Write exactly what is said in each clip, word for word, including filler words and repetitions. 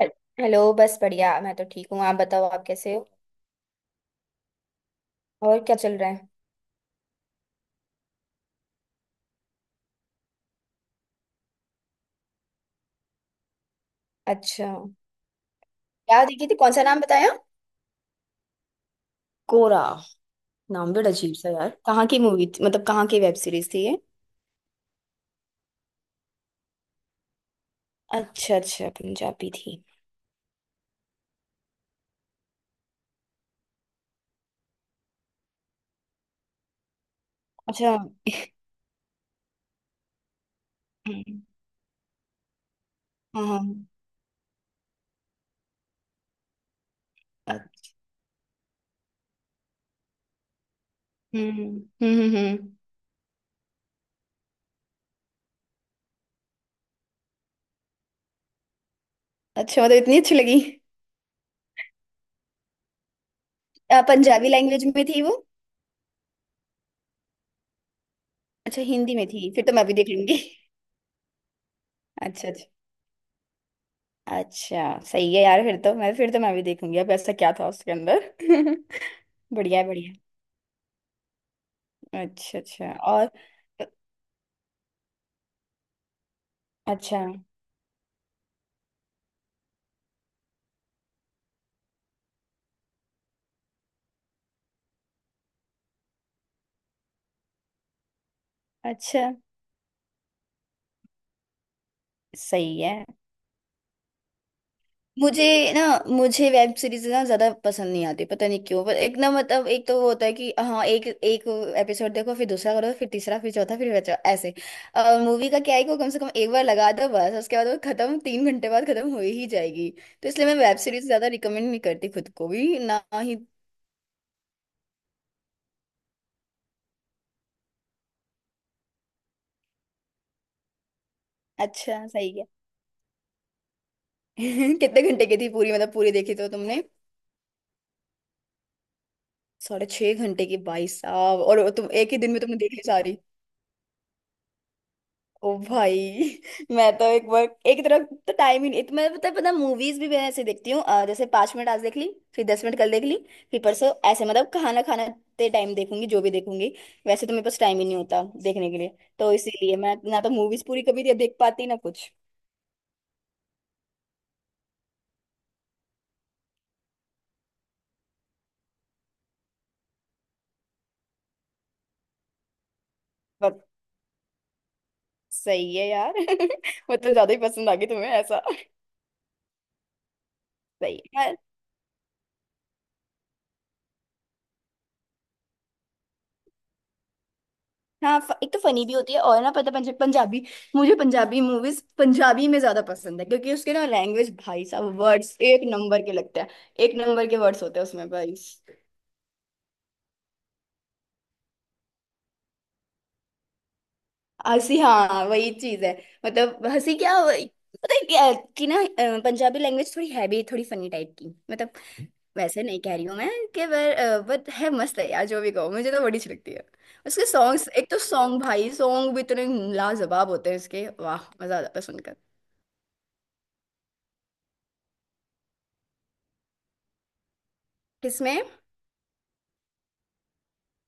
Hello- hello. बस बढ़िया, मैं तो ठीक हूँ। आप बताओ, आप कैसे हो? और क्या चल रहा है? अच्छा। क्या देखी थी? कौन सा नाम बताया? कोरा? नाम बड़ा अजीब सा यार। कहाँ की मूवी थी, मतलब कहाँ की वेब सीरीज थी ये? अच्छा अच्छा, पंजाबी थी? अच्छा। हम्म। हाँ। अ- हम्म हम्म हम्म हम्म। अच्छा, मतलब इतनी अच्छी लगी? अ, पंजाबी लैंग्वेज में थी वो? अच्छा, हिंदी में थी, फिर तो मैं भी देख लूंगी। अच्छा अच्छा। अच्छा सही है यार। फिर तो मैं फिर तो मैं भी देखूंगी। अब ऐसा क्या था उसके अंदर? बढ़िया है, बढ़िया। अच्छा अच्छा, और? अच्छा अच्छा सही है। मुझे ना, मुझे वेब सीरीज ना ज्यादा पसंद नहीं आती, पता नहीं क्यों। पर एक ना, मतलब एक तो वो होता है कि हाँ, एक एक एपिसोड देखो, फिर दूसरा करो, फिर तीसरा, फिर चौथा, फिर बचा ऐसे। और मूवी का क्या है कि वो कम से कम एक बार लगा दो, बस उसके बाद वो खत्म, तीन घंटे बाद खत्म हो ही जाएगी। तो इसलिए मैं वेब सीरीज ज्यादा रिकमेंड नहीं करती खुद को भी, ना ही। अच्छा सही है। कितने घंटे की थी पूरी? मतलब पूरी देखी तो तुमने? साढ़े छह घंटे की भाई साहब! और तुम एक ही दिन में तुमने देख ली सारी? ओ भाई! मैं तो एक बार, एक तरफ तो टाइम ही नहीं, तो मैं पता पता मूवीज भी मैं ऐसे देखती हूँ। अ, जैसे पांच मिनट आज देख ली, फिर दस मिनट कल देख ली, फिर परसों ऐसे, मतलब खाना खाने टाइम देखूंगी जो भी देखूंगी। वैसे तो मेरे पास टाइम ही नहीं होता देखने के लिए, तो इसीलिए मैं ना तो मूवीज पूरी कभी दे- देख पाती, ना कुछ। बट सही है यार। मतलब ज्यादा ही पसंद आ गई तुम्हें ऐसा? सही है। हाँ, फ- एक तो फनी भी होती है, और ना, पता, पंजा, पंजाबी, मुझे पंजाबी मूवीज पंजाबी में ज्यादा पसंद है क्योंकि उसके ना लैंग्वेज, भाई साहब, वर्ड्स एक नंबर के लगते हैं। एक नंबर के वर्ड्स होते हैं उसमें भाई। हंसी, हाँ वही चीज है। मतलब हंसी क्या, वही- पता है क्या, कि ना, अ, पंजाबी लैंग्वेज थोड़ी है भी, थोड़ी फनी टाइप की मतलब। वैसे नहीं कह रही हूँ मैं कि वर, बट है, मस्त है यार, जो भी कहो, मुझे तो बड़ी अच्छी लगती है। उसके सॉन्ग्स, एक तो सॉन्ग, भाई सॉन्ग भी इतने लाजवाब होते हैं इसके, वाह मजा आता है सुनकर। किसमें?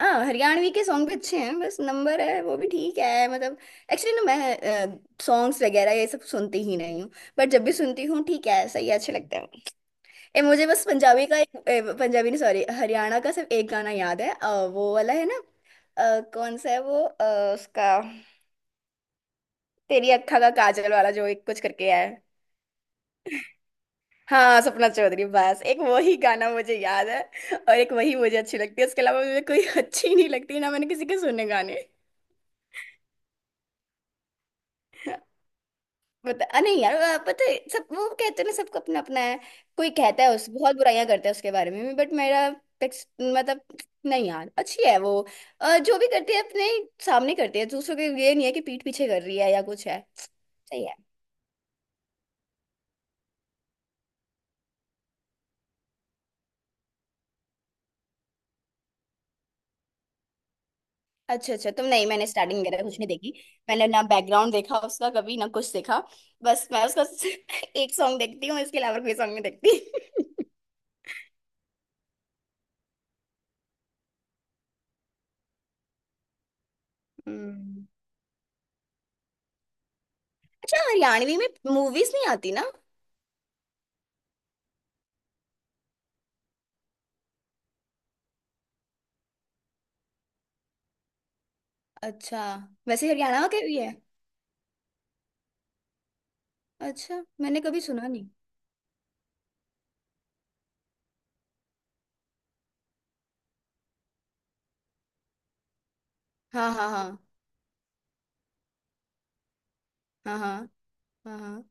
हाँ, हरियाणवी के सॉन्ग भी अच्छे हैं, बस नंबर है, वो भी ठीक है मतलब। एक्चुअली ना, मैं सॉन्ग्स वगैरह ये सब सुनती ही नहीं हूँ। बट जब भी सुनती हूँ, ठीक है सही है, अच्छे लगते हैं। ए, मुझे बस पंजाबी का एक, ए, पंजाबी नहीं सॉरी, हरियाणा का सिर्फ एक गाना याद है, अ, वो वाला है ना, अ, कौन सा है वो, अ, उसका, तेरी अक्खा का काजल वाला, जो एक कुछ करके है। हाँ सपना चौधरी, बस एक वही गाना मुझे याद है। और एक वही मुझे अच्छी लगती है, उसके अलावा मुझे कोई अच्छी नहीं लगती, ना मैंने किसी के सुने गाने। बता, अ, नहीं यार, अ, पता है, सब वो कहते हैं ना, सबका अपना अपना है। कोई कहता है उस बहुत बुराइयां करता है उसके बारे में, बट मेरा पेक्स- मतलब, नहीं यार अच्छी है वो, अ, जो भी करती है अपने सामने करती है, दूसरों के, ये नहीं है कि पीठ पीछे कर रही है या कुछ है, सही है। अच्छा अच्छा, तुम नहीं, मैंने स्टार्टिंग वगैरह कुछ नहीं देखी, मैंने ना बैकग्राउंड देखा उसका कभी ना कुछ देखा। बस मैं उसका एक सॉन्ग देखती हूँ, इसके अलावा कोई सॉन्ग नहीं देखती। हम्म। अच्छा, हरियाणवी में मूवीज नहीं आती ना? अच्छा, वैसे हरियाणा का भी है? अच्छा, मैंने कभी सुना नहीं। हाँ हाँ हाँ हाँ हाँ। हाँ हाँ।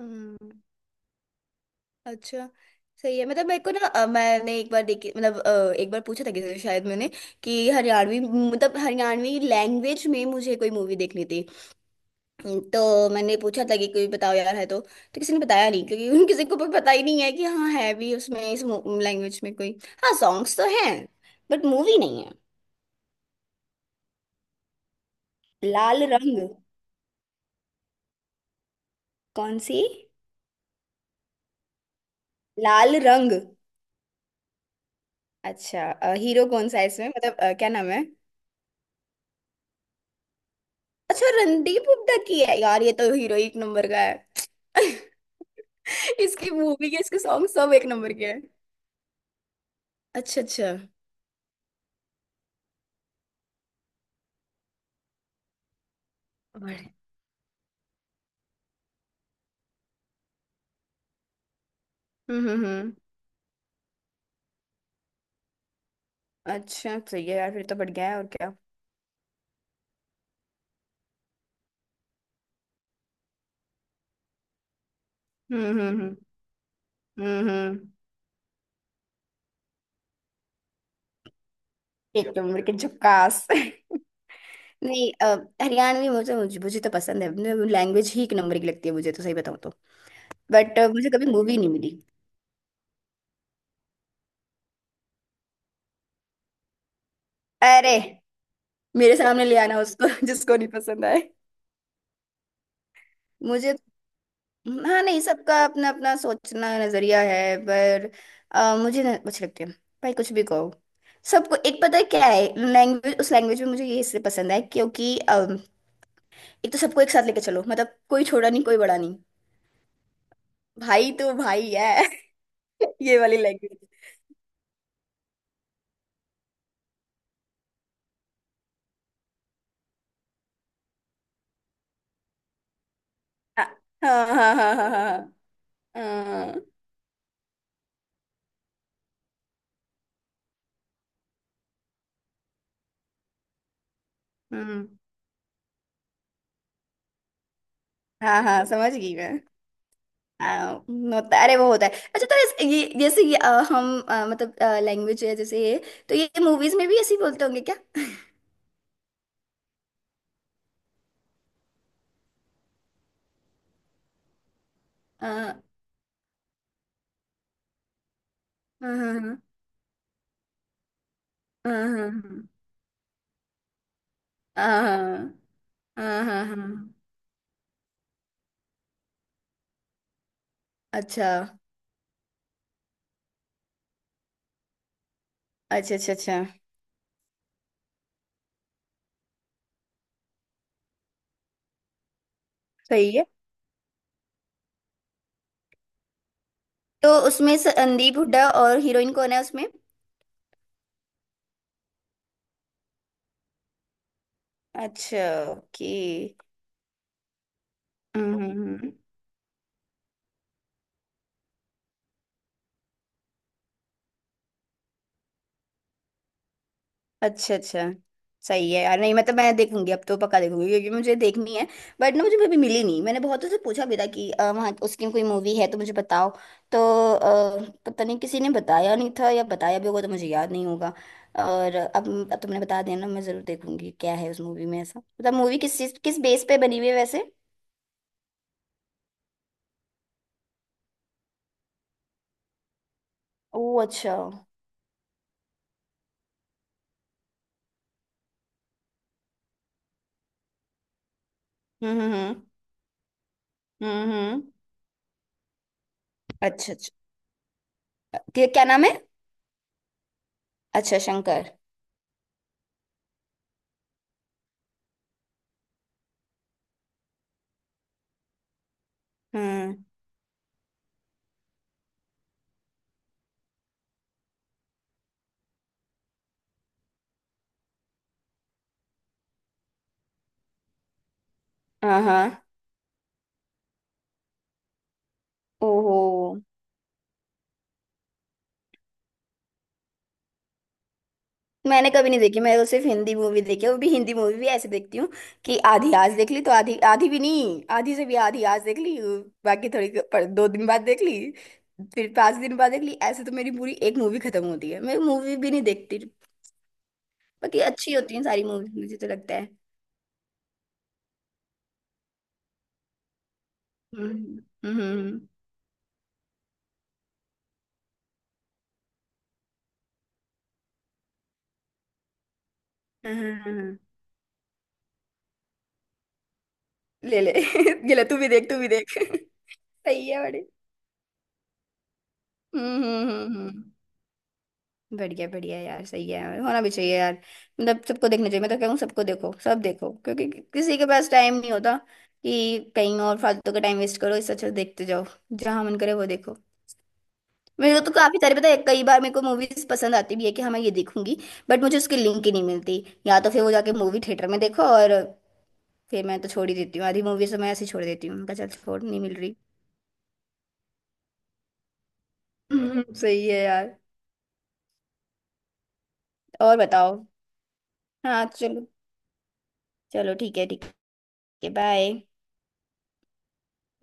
हम्म। अच्छा सही है मतलब। मेरे को ना, अ, मैंने एक बार देखी, मतलब अ, एक बार पूछा था किसी से शायद मैंने, कि हरियाणवी, मतलब हरियाणवी लैंग्वेज में मुझे कोई मूवी देखनी थी। हम्म, तो मैंने पूछा था कि कोई बताओ यार है तो तो किसी ने बताया नहीं, क्योंकि उन किसी को भी पता ही नहीं है कि हाँ है भी उसमें इस लैंग्वेज में कोई। हाँ, सॉन्ग्स तो हैं बट मूवी नहीं है। लाल रंग? कौन सी? लाल रंग। अच्छा, अ, हीरो कौन सा है इसमें, मतलब अ, क्या नाम है? अच्छा, रणदीप हुड्डा की है यार, ये तो हीरो एक नंबर का है। इसकी मूवी के, इसके सॉन्ग सब एक नंबर के हैं। अच्छा अच्छा, और- हम्म हम्म हम्म। अच्छा सही है यार, फिर तो बढ़ गया है। और क्या। हम्म हम्म हम्म हम्म हम्म। एक नंबर के, झकास। नहीं, अ, हरियाणवी मुझे, मुझे मुझे तो पसंद है। लैंग्वेज ही एक नंबर की लगती है मुझे तो, सही बताऊँ तो। बट मुझे कभी मूवी नहीं मिली। अरे, मेरे सामने ले आना उसको जिसको नहीं पसंद आए, मुझे। हाँ, नहीं सबका अपना अपना सोचना, नजरिया है पर। अ, मुझे न- अच्छे लगते हैं। भाई कुछ भी कहो। सबको एक, पता है क्या है लैंग्वेज, उस लैंग्वेज में मुझे ये इसलिए पसंद है क्योंकि अम, एक तो सबको एक साथ लेके चलो, मतलब कोई छोटा नहीं कोई बड़ा नहीं। भाई तो भाई है। ये वाली लैंग्वेज। हाँ हाँ हाँ हाँ हाँ। हाँ हाँ। हम्म। हाँ हाँ समझ गई मैं। आ, होता, अरे वो होता है। अच्छा, तो इस- ये जैसे ये, अ, हम, अ, मतलब लैंग्वेज है, जैसे ये तो ये मूवीज में भी ऐसे ही बोलते होंगे। क्या। हाँ हाँ हाँ हाँ हाँ हाँ हाँ हाँ। अच्छा अच्छा अच्छा अच्छा सही है। तो उसमें संदीप हुड्डा और हीरोइन कौन है उसमें? अच्छा, ओके। हम्म, हम्म, हम्म। अच्छा अच्छा सही है यार, नहीं मतलब मैं देखूंगी अब, तो पक्का देखूंगी क्योंकि मुझे देखनी है। बट ना मुझे कभी मिली नहीं, मैंने बहुतों से पूछा भी था कि अ, वहाँ उसकी कोई मूवी है तो मुझे बताओ तो। अ, पता नहीं, किसी ने बताया नहीं था, या बताया भी होगा तो मुझे याद नहीं होगा। और अब अब तुमने बता दिया ना, मैं जरूर देखूंगी। क्या है उस मूवी में ऐसा, मतलब मूवी किस चीज, किस बेस पे बनी हुई है वैसे? ओ अच्छा, हम्म। हम्म हम्म हम्म हम्म अच्छा अच्छा। क्या क्या नाम है? अच्छा शंकर। हम्म। हाँ हाँ। ओहो। मैंने कभी नहीं देखी, मैं तो सिर्फ हिंदी मूवी देखी है, वो भी हिंदी मूवी भी ऐसे देखती हूँ, कि आधी आज देख ली, तो आधी, आधी भी नहीं, आधी से भी आधी आज देख ली, बाकी थोड़ी पर दो दिन बाद देख ली, फिर पांच दिन बाद देख ली, ऐसे तो मेरी पूरी एक मूवी खत्म होती है, मैं मूवी भी नहीं देखती। बाकी अच्छी होती है सारी मूवी, मुझे तो लगता है। हम्म हम्म हम्म। हाँ, हाँ, हाँ, हाँ। ले ले, ये ले, तू भी देख, तू भी देख। सही है बड़े। हम्म हम्म हम्म हम्म। बढ़िया बढ़िया यार, सही है, होना भी चाहिए यार। मतलब सबको देखना चाहिए, मैं तो कहूँ सबको देखो, सब देखो, क्योंकि किसी के पास टाइम नहीं होता कि कहीं और फालतू का टाइम वेस्ट करो, इससे अच्छा देखते जाओ, जहां मन करे वो देखो। मेरे को तो काफी सारे पता है, कई बार मेरे को मूवीज पसंद आती भी है कि हाँ मैं ये देखूंगी, बट मुझे उसकी लिंक ही नहीं मिलती, या तो फिर वो जाके मूवी थिएटर में देखो, और फिर मैं तो छोड़ ही देती हूँ आधी मूवी से, मैं ऐसे ही छोड़ देती हूँ, मैं कहा, चल छोड़, नहीं मिल रही। सही है यार। और बताओ? हाँ चलो। चलो ठीक है, ठीक है बाय।